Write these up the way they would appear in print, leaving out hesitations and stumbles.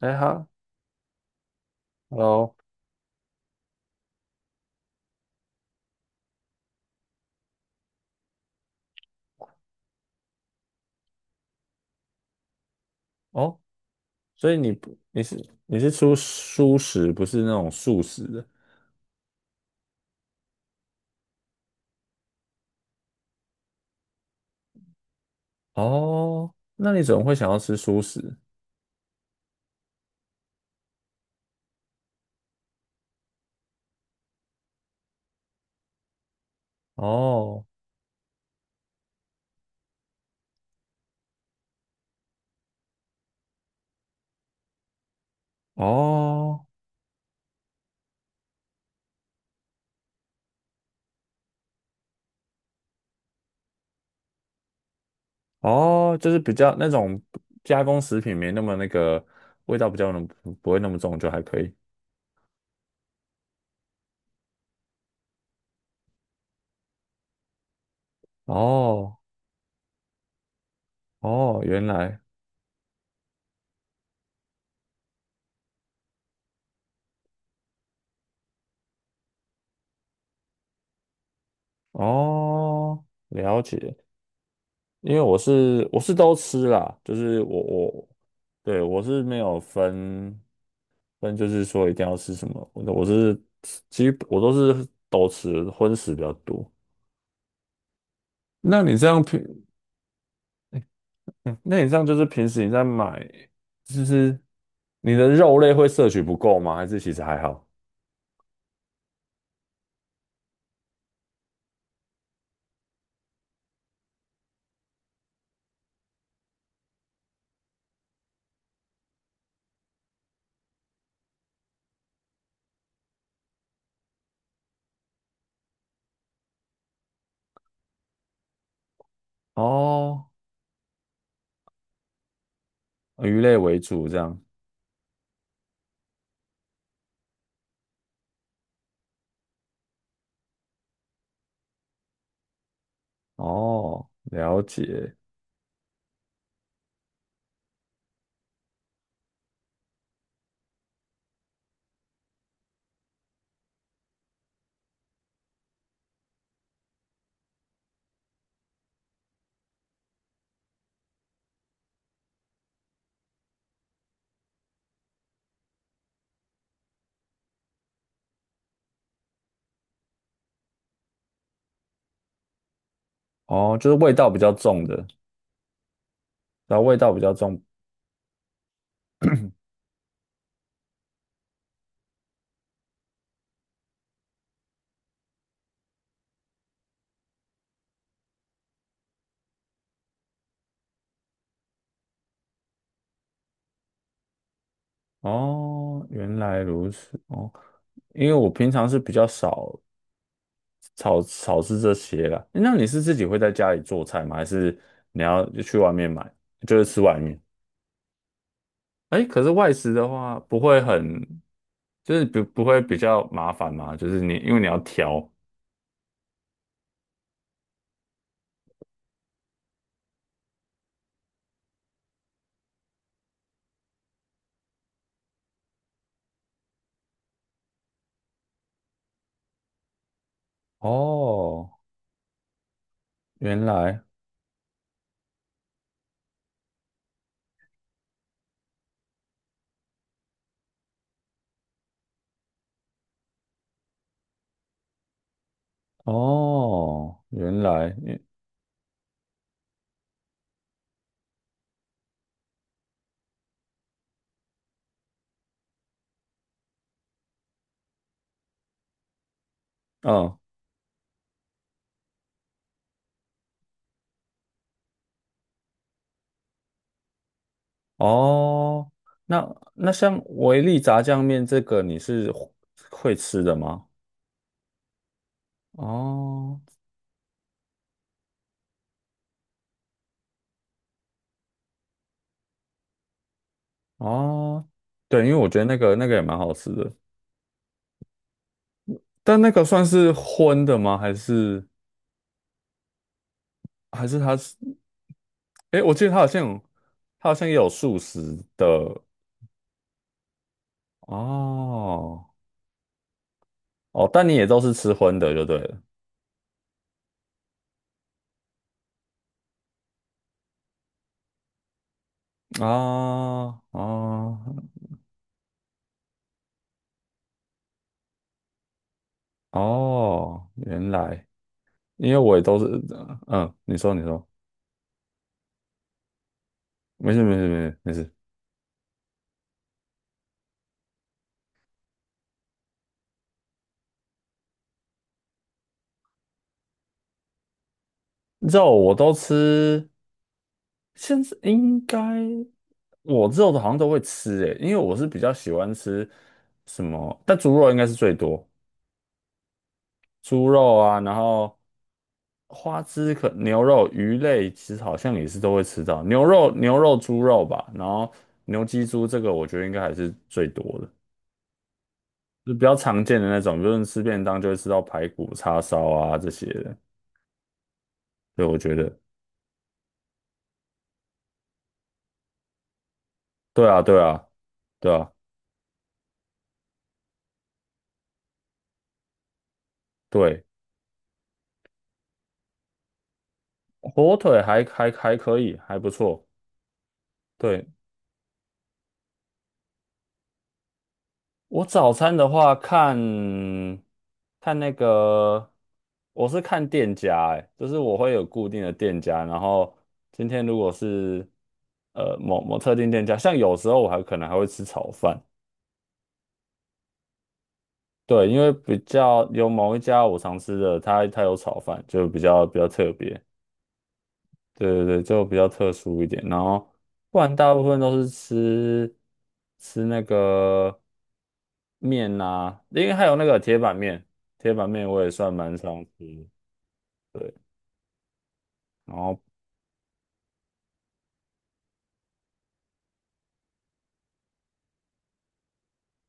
哎哈，Hello，哦，所以你是吃素食，不是那种素食的哦？那你怎么会想要吃素食？哦哦哦，就是比较那种加工食品没那么那个味道比较浓，不会那么重就还可以。哦哦，原来哦，了解。因为我是都吃啦，就是我对我是没有分，但就是说一定要吃什么，我是我都吃荤食比较多。那你这样平，哎那你这样就是平时你在买，就是你的肉类会摄取不够吗？还是其实还好？哦，鱼类为主这样。哦，了解。哦，就是味道比较重的，然后味道比较重。哦，原来如此。哦，因为我平常是比较少。炒是这些啦。诶那你是自己会在家里做菜吗？还是你要去外面买，就是吃外面？哎，可是外食的话不会很，就是不会比较麻烦吗？就是你因为你要挑。哦，原来，哦，原来，嗯，哦，那像维力炸酱面这个你是会吃的吗？哦哦，对，因为我觉得那个也蛮好吃的。但那个算是荤的吗？还是它是？诶，我记得它好像也有素食的哦哦，但你也都是吃荤的就对了啊哦哦，原来因为我也都是你说你说，没事没事没事没事，肉我都吃，现在应该我肉的好像都会吃诶，因为我是比较喜欢吃什么，但猪肉应该是最多。猪肉啊，然后花枝可牛肉、鱼类其实好像也是都会吃到，牛肉、猪肉吧，然后牛鸡猪这个我觉得应该还是最多的，就比较常见的那种，就是吃便当就会吃到排骨、叉烧啊这些的。对，我觉得，对啊，对啊，对啊，对，火腿还可以，还不错。对，我早餐的话看那个，我是看店家、欸，就是我会有固定的店家，然后今天如果是某某特定店家，像有时候我还可能还会吃炒饭，对，因为比较有某一家我常吃的，它有炒饭，就比较特别。对对对，就比较特殊一点。然后不然大部分都是吃那个面啊，因为还有那个铁板面，铁板面我也算蛮常吃。对，然后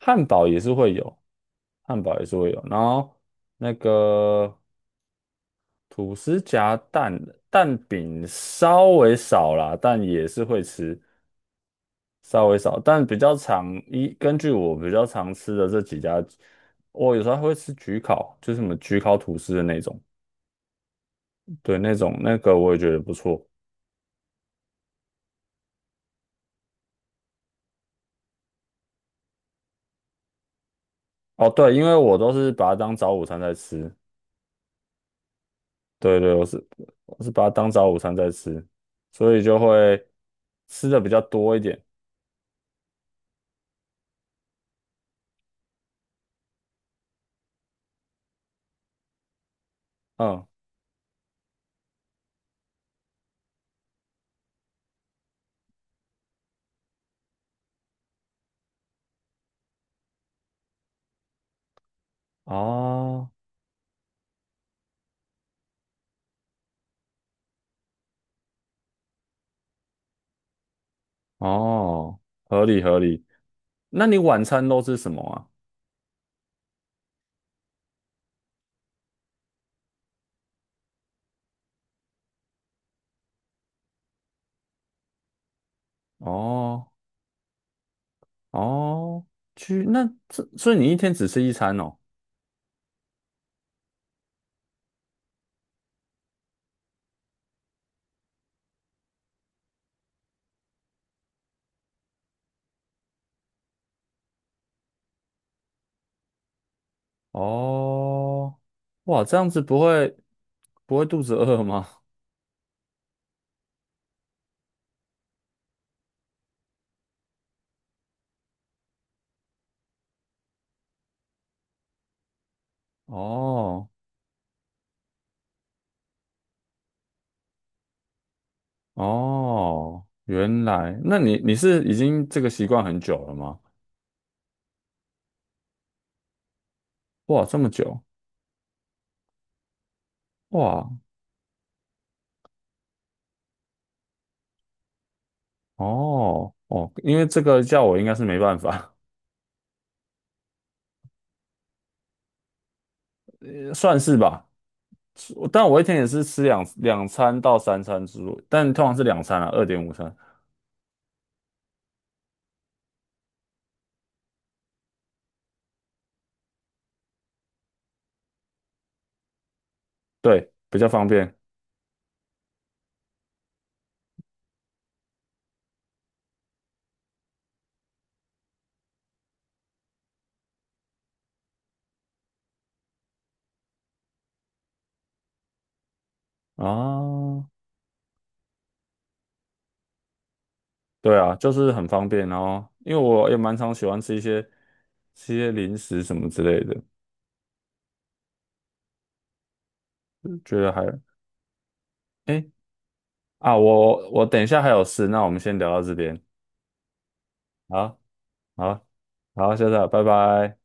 汉堡也是会有，汉堡也是会有。然后那个吐司夹蛋蛋饼稍微少啦，但也是会吃。稍微少，但比较常根据我比较常吃的这几家，我有时候还会吃焗烤，就是什么焗烤吐司的那种，对，那种那个我也觉得不错。哦，对，因为我都是把它当早午餐在吃，对对，我是把它当早午餐在吃，所以就会吃的比较多一点。嗯，哦哦，合理合理。那你晚餐都吃什么啊？哦哦，所以你一天只吃1餐哦。哦，哇，这样子不会肚子饿吗？哦哦，原来，那你是已经这个习惯很久了吗？哇，这么久，哇，哦哦，因为这个叫我应该是没办法，算是吧。是但我一天也是吃两餐到三餐之路，但通常是两餐啊，2.5餐，对，比较方便啊。哦对啊，就是很方便，然后因为我也蛮常喜欢吃一些零食什么之类的，觉得哎啊，我等一下还有事，那我们先聊到这边，好，好，好，下次啊，拜拜。